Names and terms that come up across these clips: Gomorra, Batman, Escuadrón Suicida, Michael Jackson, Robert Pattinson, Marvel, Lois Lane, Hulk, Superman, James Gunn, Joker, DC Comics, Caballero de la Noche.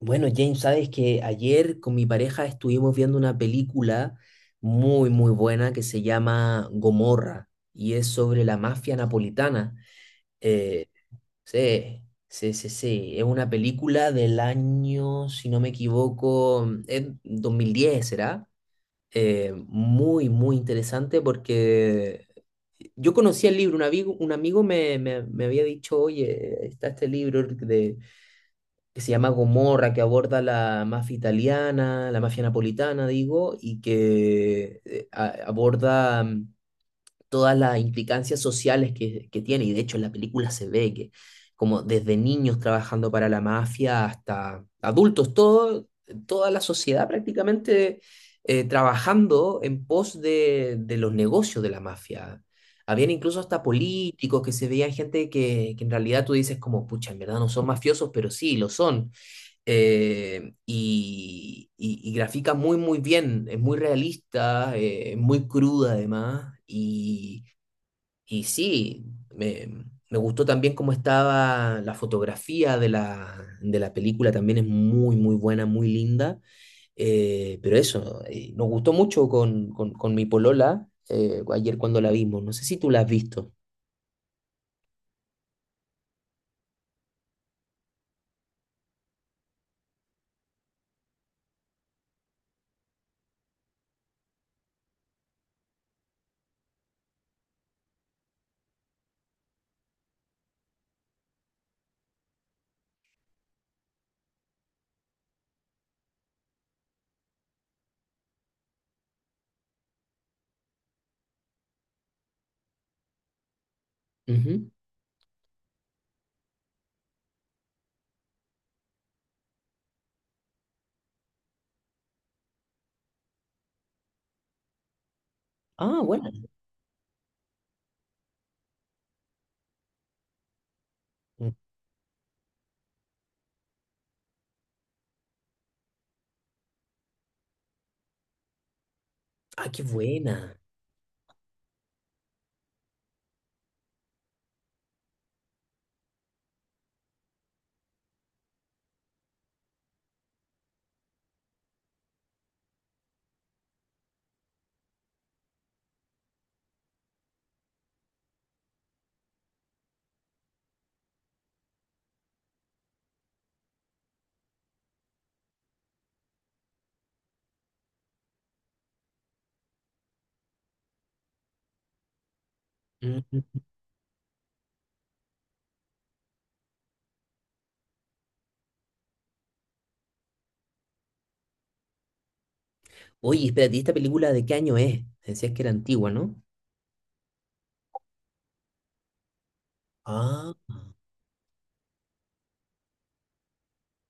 Bueno, James, sabes que ayer con mi pareja estuvimos viendo una película muy, muy buena que se llama Gomorra y es sobre la mafia napolitana. Eh, sí, sí, sí, sí. Es una película del año, si no me equivoco, es 2010, ¿será? Muy, muy interesante porque yo conocía el libro. Un amigo, un amigo me había dicho, oye, está este libro de que se llama Gomorra, que aborda la mafia italiana, la mafia napolitana, digo, y que aborda todas las implicancias sociales que tiene. Y de hecho en la película se ve que como desde niños trabajando para la mafia hasta adultos, todo, toda la sociedad prácticamente trabajando en pos de los negocios de la mafia. Habían incluso hasta políticos que se veían gente que en realidad tú dices como, pucha, en verdad no son mafiosos, pero sí, lo son y grafica muy, muy bien, es muy realista, es muy cruda además, y sí, me gustó también cómo estaba la fotografía de la película, también es muy, muy buena, muy linda, pero eso, nos gustó mucho con mi polola ayer cuando la vimos, no sé si tú la has visto. Ujú. Ah, buena. Mm. Ah, qué buena. Oye, espérate, ¿y esta película de qué año es? Decías que era antigua, ¿no? Ah,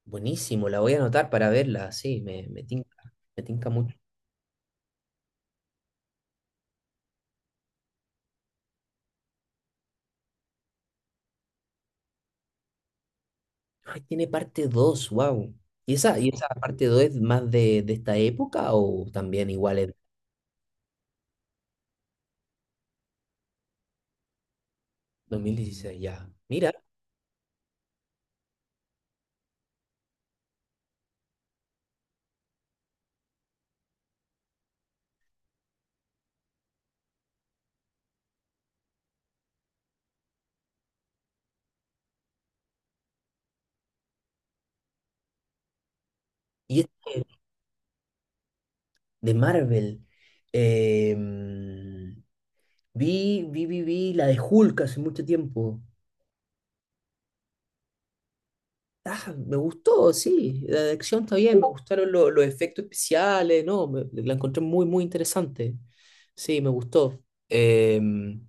buenísimo, la voy a anotar para verla, sí, me tinca mucho. Ay, ¿tiene parte 2? Wow. Y esa parte 2 es más de esta época o también igual es 2016 ya? Mira, y es de Marvel. Em, vi la de Hulk hace mucho tiempo. Ah, me gustó, sí. La acción está bien, me gustaron los efectos especiales, ¿no? La encontré muy, muy interesante. Sí, me gustó. Em,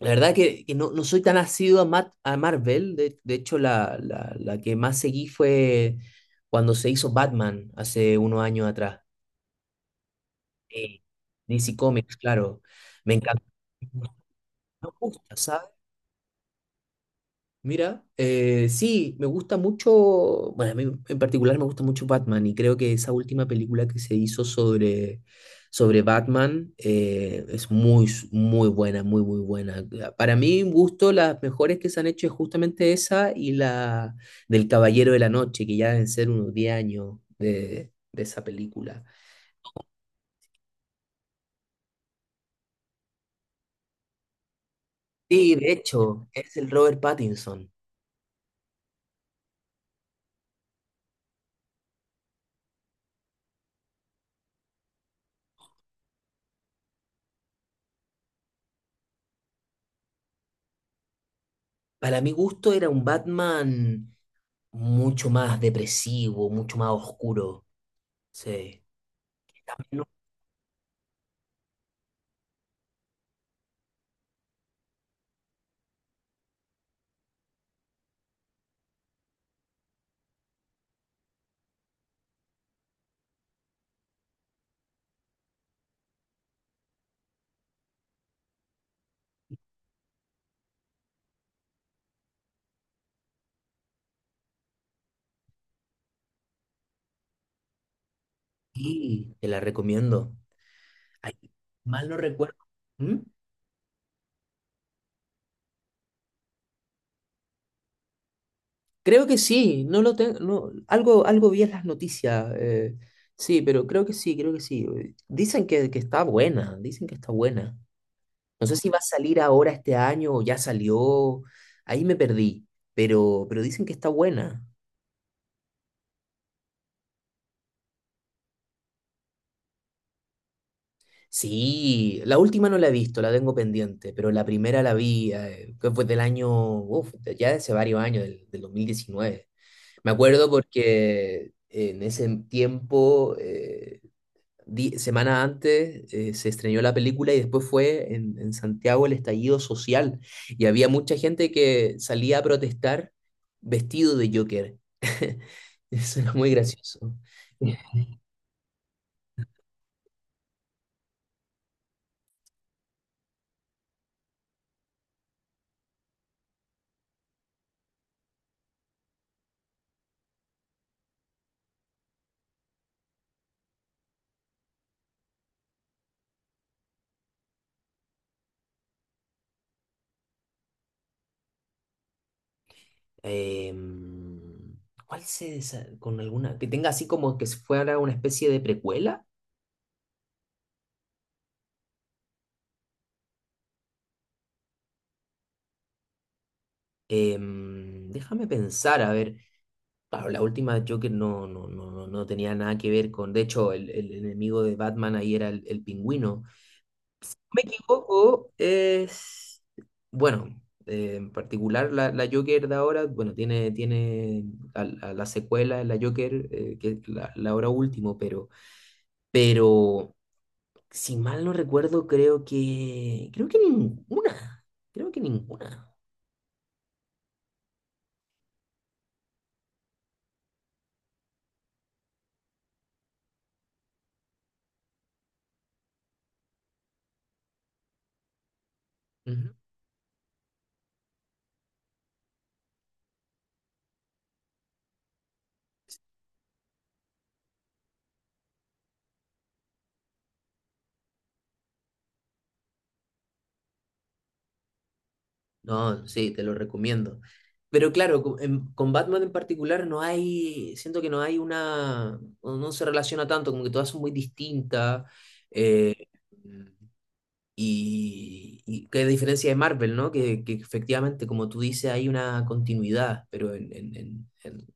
la verdad que no, no soy tan asiduo a, a Marvel. De hecho, la que más seguí fue cuando se hizo Batman hace unos años atrás. Eh, DC Comics, claro. Me encantó. No me gusta, ¿sabes? Mira, sí, me gusta mucho, bueno, a mí en particular me gusta mucho Batman y creo que esa última película que se hizo sobre, sobre Batman es muy buena, muy, muy buena. Para mí, un gusto, las mejores que se han hecho es justamente esa y la del Caballero de la Noche, que ya deben ser unos 10 años de esa película. Sí, de hecho, es el Robert Pattinson. Para mi gusto era un Batman mucho más depresivo, mucho más oscuro. Sí. Y te la recomiendo. Ay, mal no recuerdo. ¿Mm? Creo que sí, no lo tengo, no, algo, algo vi en las noticias. Sí, pero creo que sí, creo que sí. Dicen que está buena, dicen que está buena. No sé si va a salir ahora este año o ya salió. Ahí me perdí, pero dicen que está buena. Sí, la última no la he visto, la tengo pendiente, pero la primera la vi, que fue del año, uf, ya de hace varios años, del 2019. Me acuerdo porque en ese tiempo, semana antes, se estrenó la película y después fue en Santiago el estallido social. Y había mucha gente que salía a protestar vestido de Joker. Eso era muy gracioso. Em, ¿Cuál con alguna que tenga así como que fuera una especie de precuela? Déjame pensar, a ver. Claro, la última de Joker no, no, no, no, no tenía nada que ver con. De hecho, el enemigo de Batman ahí era el pingüino. Si no me equivoco, es. Bueno, en particular la Joker de ahora, bueno, tiene, tiene a, a la secuela, la Joker, que es la hora último, pero. Pero, si mal no recuerdo, creo que. Creo que ninguna. Creo que ninguna. Ujú. No, sí, te lo recomiendo. Pero claro, con Batman en particular no hay, siento que no hay una, o no se relaciona tanto, como que todas son muy distintas. eh, y, y que a diferencia de Marvel, ¿no? Que efectivamente, como tú dices, hay una continuidad, pero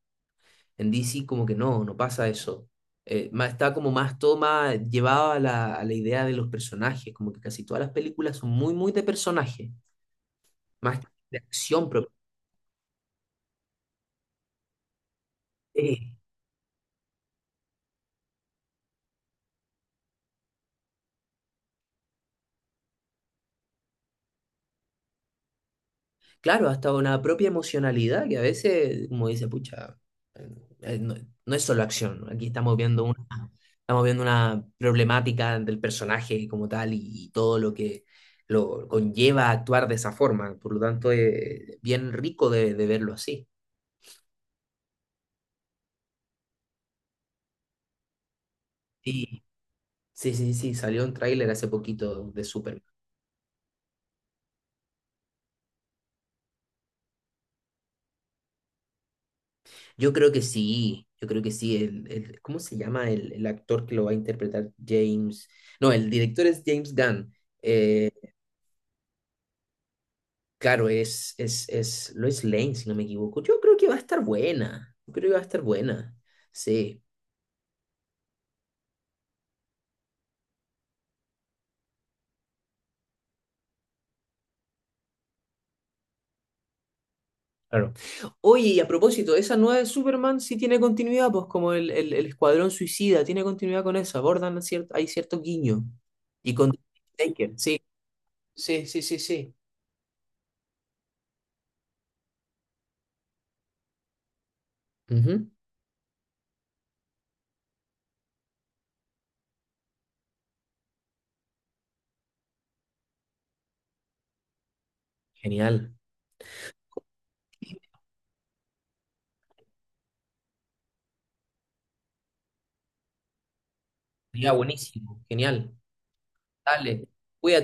en DC como que no, no pasa eso. Está como más toma llevado a a la idea de los personajes, como que casi todas las películas son muy, muy de personaje, más que de acción propia. Claro, hasta una propia emocionalidad que a veces, como dice, pucha, no, no es solo acción, ¿no? Aquí estamos viendo una problemática del personaje como tal y todo lo que lo conlleva actuar de esa forma. Por lo tanto, es bien rico de verlo así. Sí, sí, sí, sí, salió un tráiler hace poquito de Superman. Yo creo que sí, yo creo que sí. ¿Cómo se llama el actor que lo va a interpretar? James. No, el director es James Gunn. Eh, Claro, es Lois Lane, si no me equivoco. Yo creo que va a estar buena. Yo creo que va a estar buena. Sí, claro. Oye, y a propósito, esa nueva de Superman sí tiene continuidad, pues como el Escuadrón Suicida, tiene continuidad con esa. Abordan, hay cierto guiño. Y con Taker, sí, sí, sí, sí, sí. Ujú. Genial. Sería buenísimo. Genial. Dale. Cuídate.